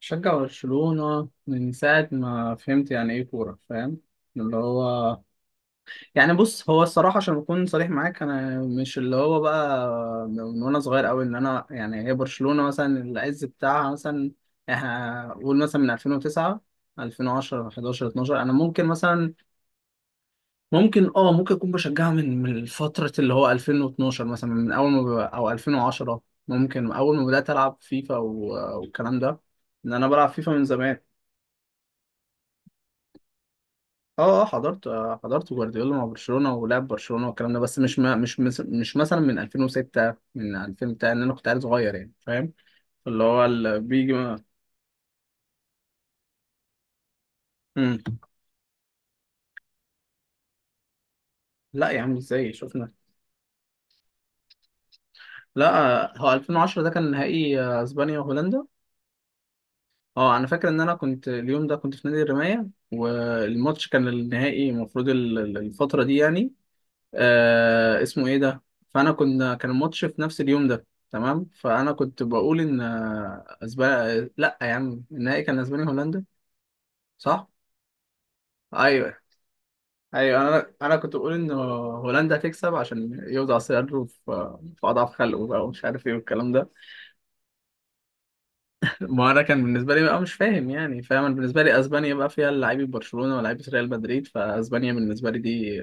شجع برشلونة من ساعة ما فهمت يعني إيه كورة فاهم. اللي هو يعني بص، هو الصراحة عشان أكون صريح معاك، أنا مش اللي هو بقى من وأنا صغير أوي إن أنا، يعني هي برشلونة مثلا العز بتاعها مثلا، إحنا قول مثلا من 2009، 2010، 11، 12، أنا ممكن مثلا، ممكن أه ممكن أكون بشجعها من فترة اللي هو 2012 مثلا، من أول ما ب- أو 2010 ممكن، أول ما بدأت ألعب فيفا والكلام ده. إن أنا بلعب فيفا من زمان. اه حضرت، حضرت جوارديولا مع برشلونة ولعب برشلونة والكلام ده، بس مش ما مش مس- مش مثلا من 2006، من 2000، بتاع ان انا كنت عيل صغير، يعني فاهم. اللي هو اللي بيجي ما... مم. لا يا عم، ازاي شفنا. لا، هو 2010 ده كان نهائي، اسبانيا وهولندا. اه انا فاكر ان انا كنت اليوم ده كنت في نادي الرماية، والماتش كان النهائي المفروض الفترة دي يعني. آه اسمه ايه ده. فانا كان الماتش في نفس اليوم ده، تمام، فانا كنت بقول ان، اسبانيا، لا يا عم النهائي كان اسبانيا هولندا، صح. ايوه، ايوه انا انا كنت بقول ان هولندا هتكسب عشان يوضع صدره في في اضعف خلقه بقى ومش عارف ايه والكلام ده. ما انا كان بالنسبه لي بقى مش فاهم يعني، فاهم، أنا بالنسبه لي اسبانيا بقى فيها لعيبه برشلونه ولاعيبه ريال مدريد، فاسبانيا بالنسبه لي دي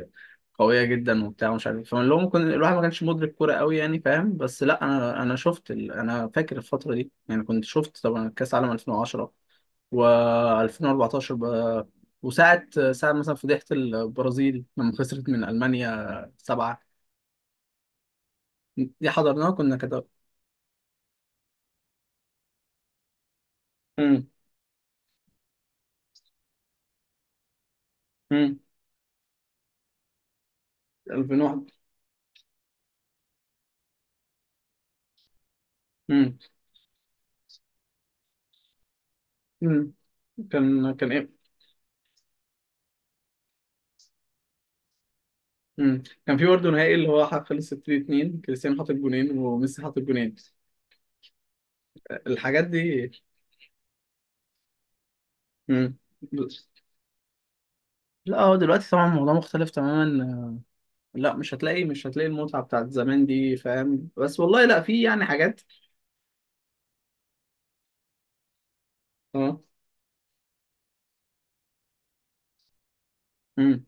قويه جدا وبتاع ومش عارف إيه. فاللي هو ممكن الواحد ما كانش مدرك كوره قوي، يعني فاهم. بس لا، انا شفت ال... انا فاكر الفتره دي يعني، كنت شفت طبعا كاس عالم 2010 و2014 ب... وساعه ساعه مثلا فضيحه البرازيل لما خسرت من المانيا سبعه. دي حضرناها كنا كده. امم. امم. 2001. امم. امم. كان ايه؟ امم. كان في برضه نهائي اللي هو خلص 3-2، كريستيانو حاطط جونين وميسي حاطط جونين. الحاجات دي. امم. لا هو دلوقتي طبعا الموضوع مختلف تماما. لا، مش هتلاقي المتعة بتاعت زمان دي، فاهم، بس والله لا في يعني حاجات. اه. امم.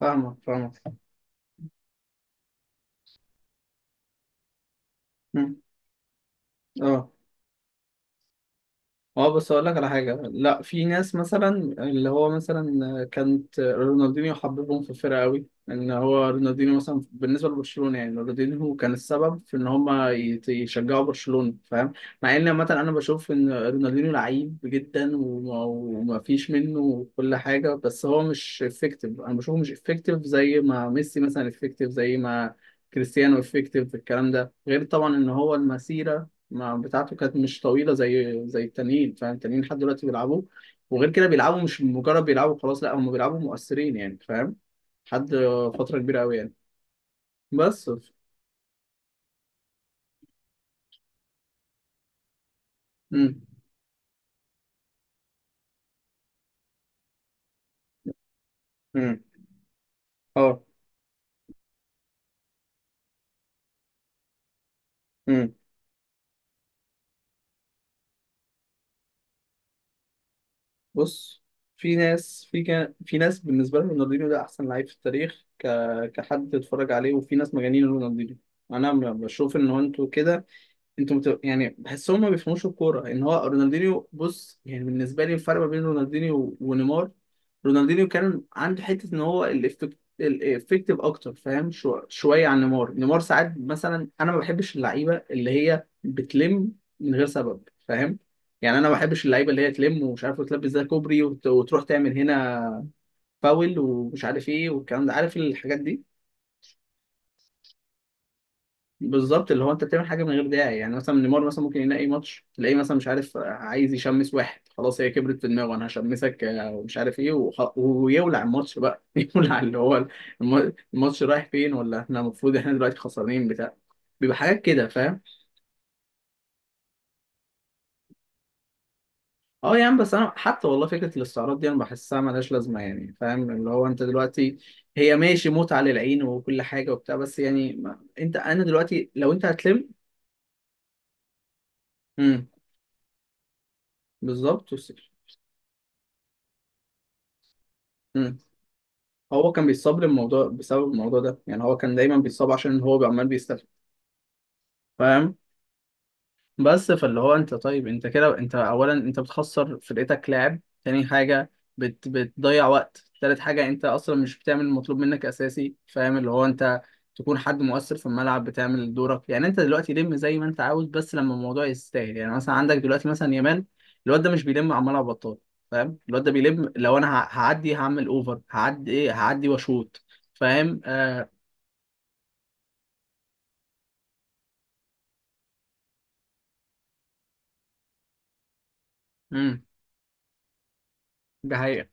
فاهمك فاهمك. امم. اه. اه بس اقول لك على حاجه. لا في ناس مثلا اللي هو مثلا كانت رونالدينيو حببهم في الفرقه قوي، ان هو رونالدينيو مثلا بالنسبه لبرشلونه، يعني رونالدينيو كان السبب في ان هم يشجعوا برشلونه، فاهم. مع ان مثلا انا بشوف ان رونالدينيو لعيب جدا وما فيش منه كل حاجه، بس هو مش افكتيف. انا بشوفه مش افكتيف زي ما ميسي مثلا افكتيف، زي ما كريستيانو افكتيف. الكلام ده غير طبعا ان هو المسيره ما بتاعته كانت مش طويله، زي التانيين، فاهم. التانيين لحد دلوقتي بيلعبوا، وغير كده بيلعبوا، مش مجرد بيلعبوا خلاص، لا، هم بيلعبوا مؤثرين، يعني فاهم، لحد فتره كبيره قوي يعني. بس. امم. امم. اه. امم. بص، في ناس في كان في ناس بالنسبه لهم رونالدينيو ده احسن لعيب في التاريخ ك... كحد اتفرج عليه. وفي ناس مجانين رونالدينيو. بشوف ان هو، انتوا كده انتوا مت... يعني بحسهم ما بيفهموش الكوره ان هو رونالدينيو. بص يعني، بالنسبه لي الفرق ما بين رونالدينيو ونيمار، رونالدينيو كان عنده حته ان هو الإفكت... الافكتيف اكتر، فاهم، شو... شويه عن نيمار. نيمار ساعات مثلا، انا ما بحبش اللعيبه اللي هي بتلم من غير سبب، فاهم. يعني انا ما بحبش اللعيبه اللي هي تلم ومش عارف، وتلبس ده كوبري، وتروح تعمل هنا فاول ومش عارف ايه والكلام ده، عارف، الحاجات دي. بالظبط، اللي هو انت بتعمل حاجه من غير داعي. يعني مثلا نيمار مثلا ممكن يلاقي ماتش تلاقيه مثلا مش عارف، عايز يشمس واحد، خلاص هي كبرت في دماغه انا هشمسك، ومش عارف ايه، ويولع الماتش بقى. يولع اللي هو الماتش رايح فين، ولا احنا المفروض احنا دلوقتي خسرانين بتاع، بيبقى حاجات كده، فاهم. اه يا عم بس انا حتى والله فكره الاستعراض دي انا بحسها ملهاش لازمه، يعني فاهم، اللي هو انت دلوقتي هي ماشي متعه للعين وكل حاجه وبتاع، بس يعني ما... انت، انا دلوقتي لو انت هتلم. امم. بالظبط، وصل. هو كان بيصاب للموضوع بسبب الموضوع ده، يعني هو كان دايما بيصاب عشان هو عمال بيستفيد. فاهم. بس فاللي هو انت، طيب انت كده، انت اولا انت بتخسر فرقتك لاعب، تاني حاجه بتضيع وقت، تالت حاجه انت اصلا مش بتعمل المطلوب منك اساسي، فاهم. اللي هو انت تكون حد مؤثر في الملعب، بتعمل دورك، يعني انت دلوقتي لم زي ما انت عاوز، بس لما الموضوع يستاهل. يعني مثلا عندك دلوقتي مثلا يامال، الواد ده مش بيلم عمال على بطال، فاهم. الواد ده بيلم لو انا هعدي، هعمل اوفر، هعدي ايه، هعدي واشوط. فاهم. آه. امم. ده حقيقة.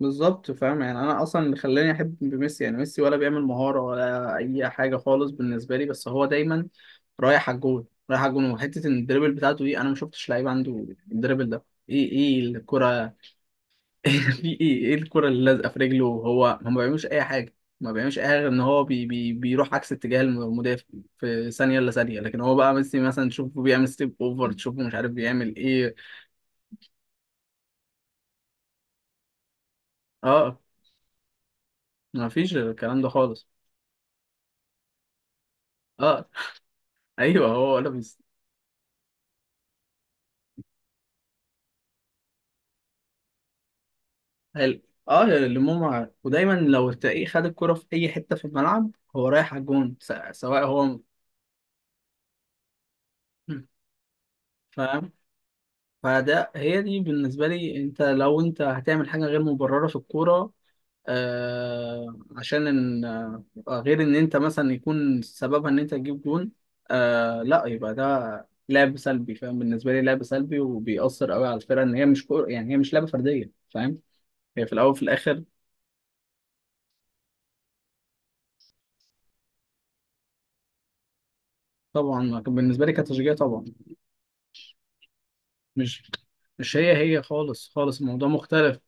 بالظبط، فاهم. يعني انا اصلا اللي خلاني احب ميسي، يعني ميسي ولا بيعمل مهارة ولا اي حاجة خالص بالنسبة لي، بس هو دايما رايح على الجول، رايح على الجول، وحتة ان الدريبل بتاعته دي انا ما شفتش لعيب عنده. الدريبل ده ايه؟ ايه الكرة؟ في ايه؟ ايه الكرة اللي لازقة في رجله؟ هو ما بيعملش اي حاجة. ما بيعملش اي حاجة غير ان هو بي بيروح عكس اتجاه المدافع في ثانية الا ثانية. لكن هو بقى ميسي مثلا تشوفه بيعمل ستيب اوفر، تشوفه مش عارف بيعمل ايه. اه. ما فيش الكلام ده خالص. اه. ايوه هو ولا بيستاهل. اه اللي ماما، ودايما لو تلاقيه خد الكرة في اي حتة في الملعب هو رايح على الجون، سواء هو. مم. فاهم. فده هي دي بالنسبة لي، انت لو انت هتعمل حاجة غير مبررة في الكورة، آه عشان ان، آه غير ان انت مثلا يكون سببها ان انت تجيب جون، آه، لا يبقى ده لعب سلبي، فاهم، بالنسبة لي لعب سلبي وبيأثر قوي على الفرقة. ان هي مش كورة، يعني هي مش لعبة فردية، فاهم، هي في الاول وفي الاخر. طبعا بالنسبة لي كتشجيع طبعا. مش مش هي هي خالص، خالص الموضوع مختلف.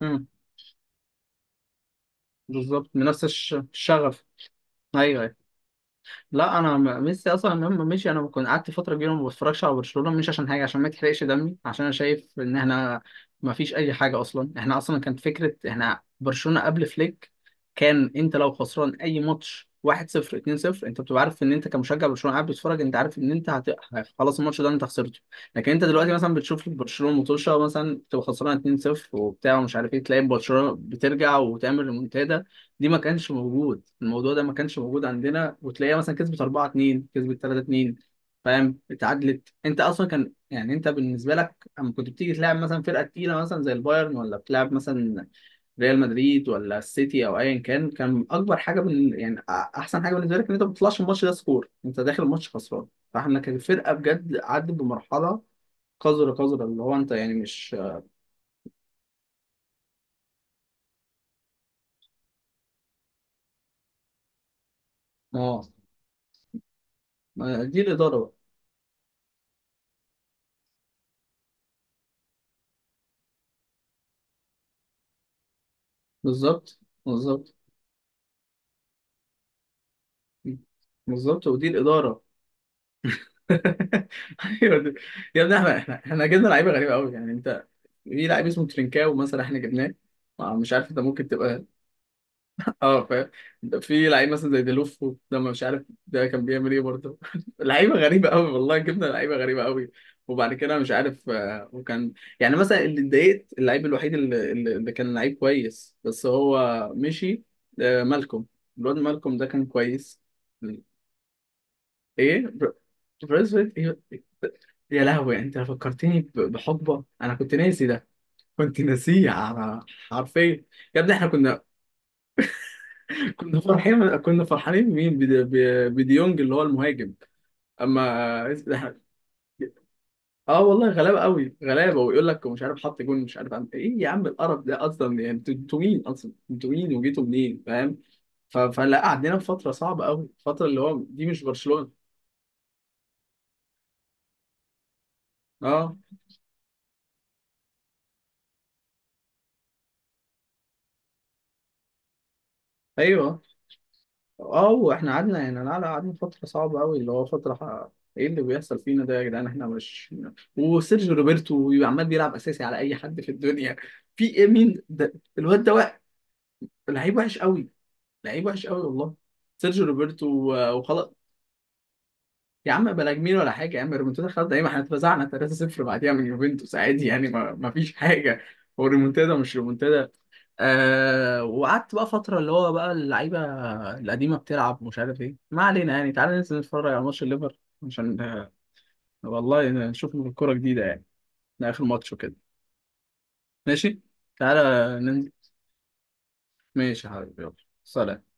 امم. بالظبط، من نفس الشغف. ايوه ايوه. لا ميسي اصلا لما مشي انا كنت قعدت فتره كبيره ما بتفرجش على برشلونه، مش عشان حاجه، عشان ما يتحرقش دمي، عشان انا شايف ان احنا ما فيش اي حاجه اصلا. احنا اصلا كانت فكره احنا برشلونه قبل فليك، كان انت لو خسران اي ماتش 1-0، 2-0، انت بتبقى عارف ان انت كمشجع برشلونه قاعد بتتفرج، انت عارف ان انت هت... خلاص الماتش ده انت خسرته. لكن انت دلوقتي مثلا بتشوف برشلونه مطوشه مثلا، تبقى خسران 2-0 وبتاع ومش عارف ايه، تلاقي برشلونه بترجع وتعمل ريمونتادا. دي ما كانش موجود، الموضوع ده ما كانش موجود عندنا. وتلاقيها مثلا كسبت 4-2، كسبت 3-2، فاهم، اتعادلت. انت اصلا كان يعني انت بالنسبه لك، اما كنت بتيجي تلعب مثلا فرقه تقيله مثلا زي البايرن، ولا بتلعب مثلا ريال مدريد، ولا السيتي، او ايا كان، كان اكبر حاجه بال... يعني احسن حاجه بالنسبه لك ان انت ما بتطلعش الماتش ده سكور، انت داخل الماتش خسران. فاحنا كان الفرقه بجد عدت بمرحله قذره، قذره اللي هو انت يعني مش. اه. ما- دي الاداره بقى. بالظبط. بالظبط. بالظبط، ودي الإدارة. ايوه ده-. يا ابني احنا جبنا لعيبه غريبه قوي، يعني انت في لعيب اسمه ترينكاو مثلا احنا جبناه، مش عارف ده ممكن تبقى. اه فاهم. ده في لعيب مثلا زي ديلوفو ده، ما مش عارف ده كان بيعمل ايه برضه. لعيبه غريبه قوي والله، جبنا لعيبه غريبه قوي. وبعد كده مش عارف، وكان يعني مثلا اللي اتضايقت، اللعيب الوحيد اللي كان لعيب كويس بس هو مشي، مالكوم، الواد مالكوم ده كان كويس. ايه بر...؟ بريس ويت إيه؟ يا لهوي، انت فكرتني بحقبه انا كنت ناسي ده، كنت ناسيه على، حرفيا. يا ابني احنا كنا. كنا فرحين، كنا فرحانين مين بديونج اللي هو المهاجم، اما إحنا-. اه والله غلابه قوي، غلابه، ويقول لك مش عارف حط جون مش عارف عم... ايه يا عم القرف ده اصلا، يعني انتوا مين اصلا، انتوا مين وجيتوا منين، فاهم. ف... فلا قعدنا في فتره صعبه قوي، فتره اللي هو دي مش برشلونه. اه. ايوه. اه واحنا قعدنا يعني، لا قعدنا فترة صعبة قوي، اللي هو فترة ح-، ايه اللي بيحصل فينا ده يا جدعان، احنا مش. وسيرجيو روبرتو بيبقى عمال بيلعب اساسي على اي حد في الدنيا. في ايه، مين ده؟ الواد ده وقع، لعيب وحش قوي، لعيب وحش قوي والله، سيرجيو روبرتو وخلاص. يا عم بلا جميل ولا حاجة يا عم، الريمونتادا خلاص، ايه ما احنا اتفزعنا 3-0 بعديها من يوفنتوس عادي، يعني ما فيش حاجة. هو الريمونتادا مش ريمونتادا. آه، وقعدت بقى فترة اللي هو بقى اللعيبة القديمة بتلعب مش عارف ايه، ما علينا. يعني تعالى ننزل نتفرج على ماتش الليفر، عشان والله نشوف الكورة جديدة يعني، ده آخر ماتش وكده. ماشي. تعالى. ننزل. ماشي يا حبيبي، يلا. سلام.